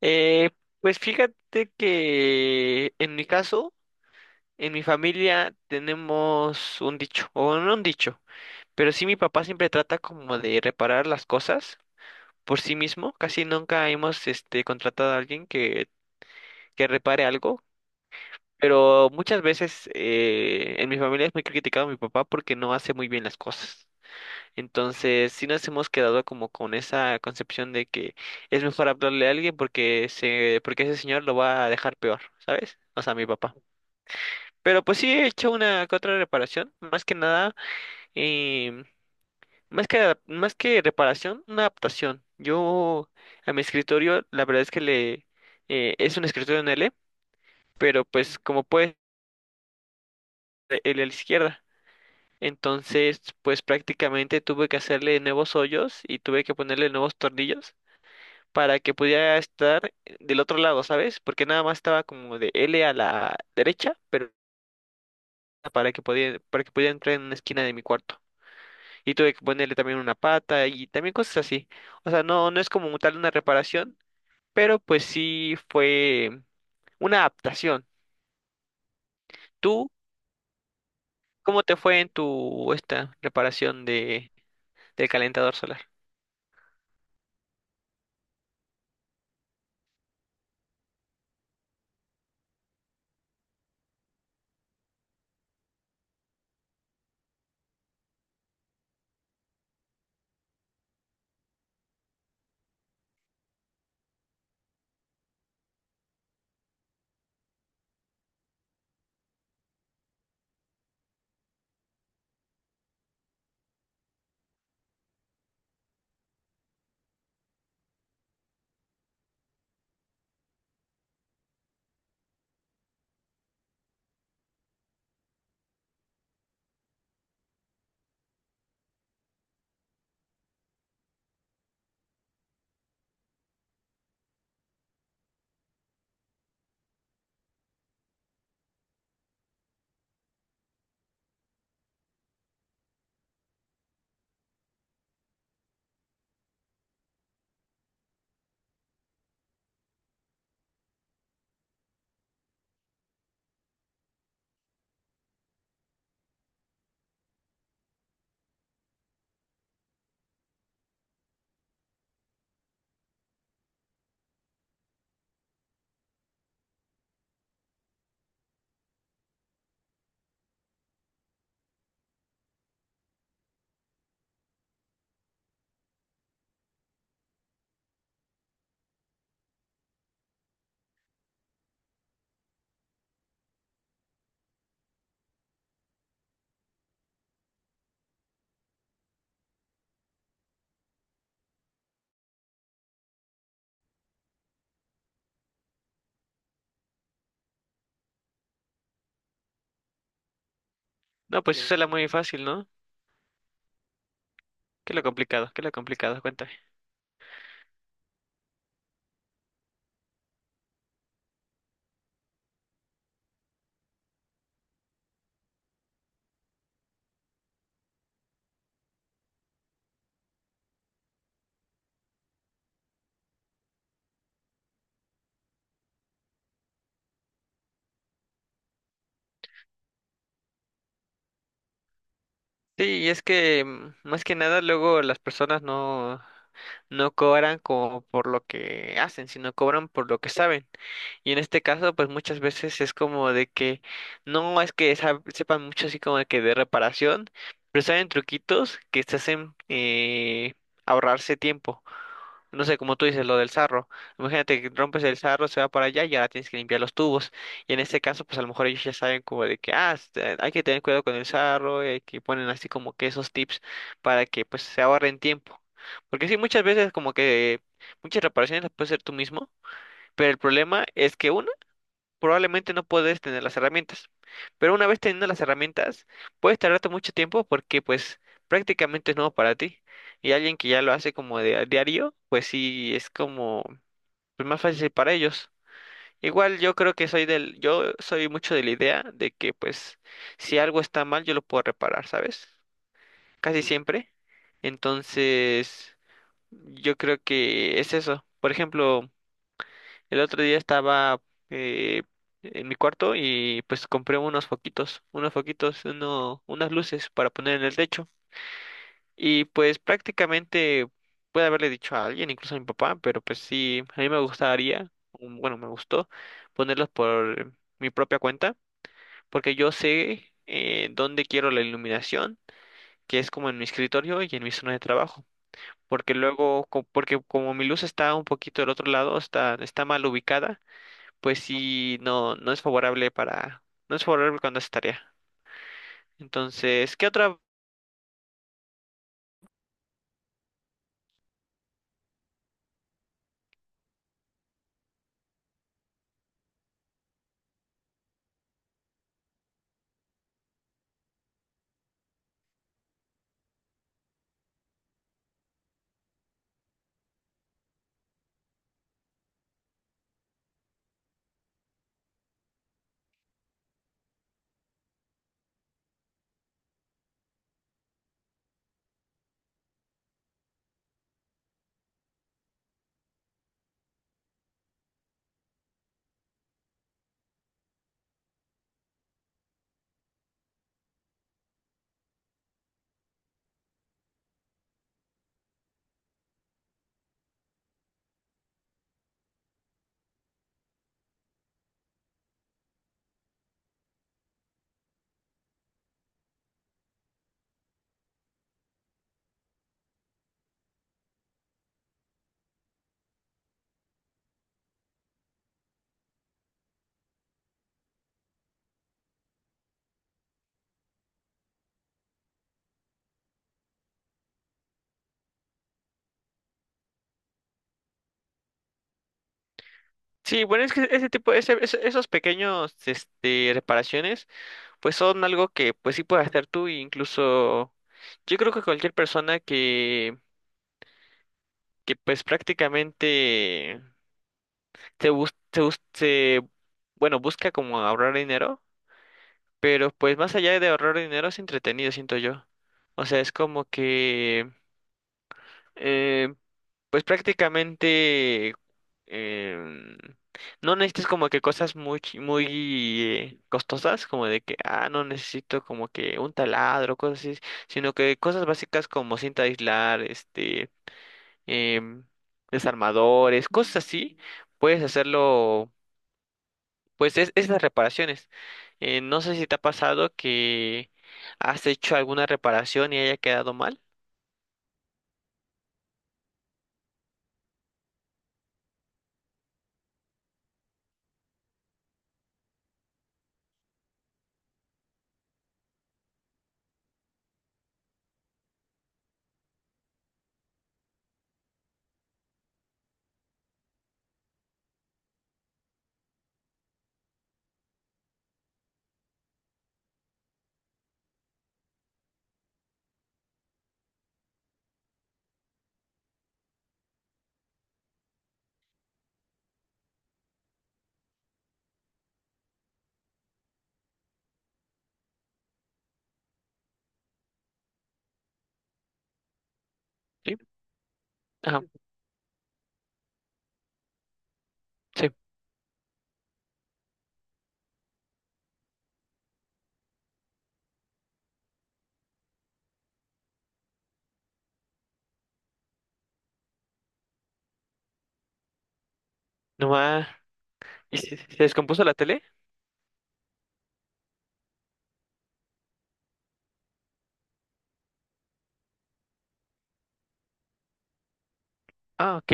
Eh, pues fíjate que en mi caso, en mi familia tenemos un dicho, o no un dicho, pero sí mi papá siempre trata como de reparar las cosas por sí mismo. Casi nunca hemos contratado a alguien que repare algo, pero muchas veces en mi familia es muy criticado mi papá porque no hace muy bien las cosas. Entonces, sí nos hemos quedado como con esa concepción de que es mejor hablarle a alguien, porque ese señor lo va a dejar peor, ¿sabes? O sea, mi papá. Pero pues sí he hecho una que otra reparación, más que nada, em, más que reparación, una adaptación. Yo a mi escritorio, la verdad es que es un escritorio en L, pero pues como puede, L a la izquierda. Entonces, pues prácticamente tuve que hacerle nuevos hoyos y tuve que ponerle nuevos tornillos para que pudiera estar del otro lado, ¿sabes? Porque nada más estaba como de L a la derecha, pero para que pudiera entrar en una esquina de mi cuarto. Y tuve que ponerle también una pata y también cosas así. O sea, no es como tal una reparación, pero pues sí fue una adaptación. ¿Tú cómo te fue en tu esta reparación de del calentador solar? No, pues eso era muy fácil, ¿no? ¿Qué es lo complicado? ¿Qué es lo complicado? Cuenta. Sí, y es que más que nada luego las personas no cobran como por lo que hacen, sino cobran por lo que saben. Y en este caso, pues muchas veces es como de que no es que sepan mucho así como de que de reparación, pero saben truquitos que te hacen ahorrarse tiempo. No sé, como tú dices, lo del sarro. Imagínate que rompes el sarro, se va para allá y ahora tienes que limpiar los tubos. Y en este caso, pues a lo mejor ellos ya saben como de que, ah, hay que tener cuidado con el sarro, y que ponen así como que esos tips para que pues se ahorren tiempo. Porque sí, muchas veces como que muchas reparaciones las puedes hacer tú mismo, pero el problema es que uno probablemente no puedes tener las herramientas. Pero una vez teniendo las herramientas, puedes tardarte mucho tiempo porque pues prácticamente es nuevo para ti. Y alguien que ya lo hace como de a diario, pues sí es como pues, más fácil para ellos. Igual yo creo que soy yo soy mucho de la idea de que pues si algo está mal yo lo puedo reparar, ¿sabes? Casi siempre. Entonces, yo creo que es eso. Por ejemplo, el otro día estaba eh, en mi cuarto y pues compré unos foquitos, unas luces para poner en el techo. Y pues prácticamente puede haberle dicho a alguien, incluso a mi papá, pero pues sí, a mí me me gustó ponerlos por mi propia cuenta, porque yo sé dónde quiero la iluminación, que es como en mi escritorio y en mi zona de trabajo. Porque luego, porque como mi luz está un poquito del otro lado, está mal ubicada pues sí, no es favorable no es favorable cuando haces tarea. Entonces, ¿qué otra? Sí, bueno, es que ese tipo, ese- esos pequeños, reparaciones, pues son algo que, pues sí puedes hacer tú, e incluso, yo creo que cualquier persona que pues prácticamente se bus, se, bus- se, bueno, busca como ahorrar dinero, pero pues más allá de ahorrar dinero es entretenido, siento yo. O sea, es como que eh, pues prácticamente em, no necesitas como que cosas muy costosas, como de que, ah, no necesito como que un taladro, cosas así, sino que cosas básicas como cinta de aislar, em, desarmadores, cosas así, puedes hacerlo, pues es las reparaciones. No sé si te ha pasado que has hecho alguna reparación y haya quedado mal. Sí, ajá, sí, nomás, ¿y se descompuso la tele? Ah, ok.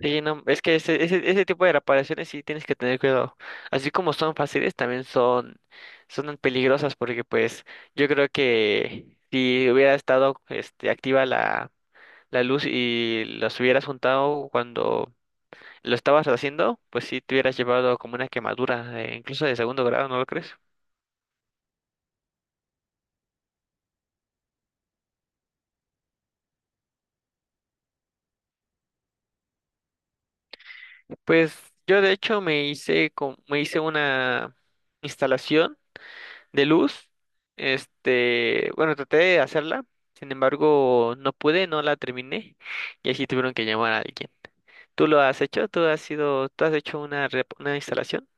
Sí, no, es que ese tipo de reparaciones sí tienes que tener cuidado. Así como son fáciles, también son peligrosas porque pues yo creo que si hubiera estado activa la luz y los hubieras juntado cuando lo estabas haciendo, pues sí te hubieras llevado como una quemadura, incluso de segundo grado, ¿no lo crees? Pues yo de hecho me hice una instalación de luz. Traté de hacerla, sin embargo, no pude, no la terminé y así tuvieron que llamar a alguien. ¿Tú lo has hecho? ¿Tú has hecho una, una instalación?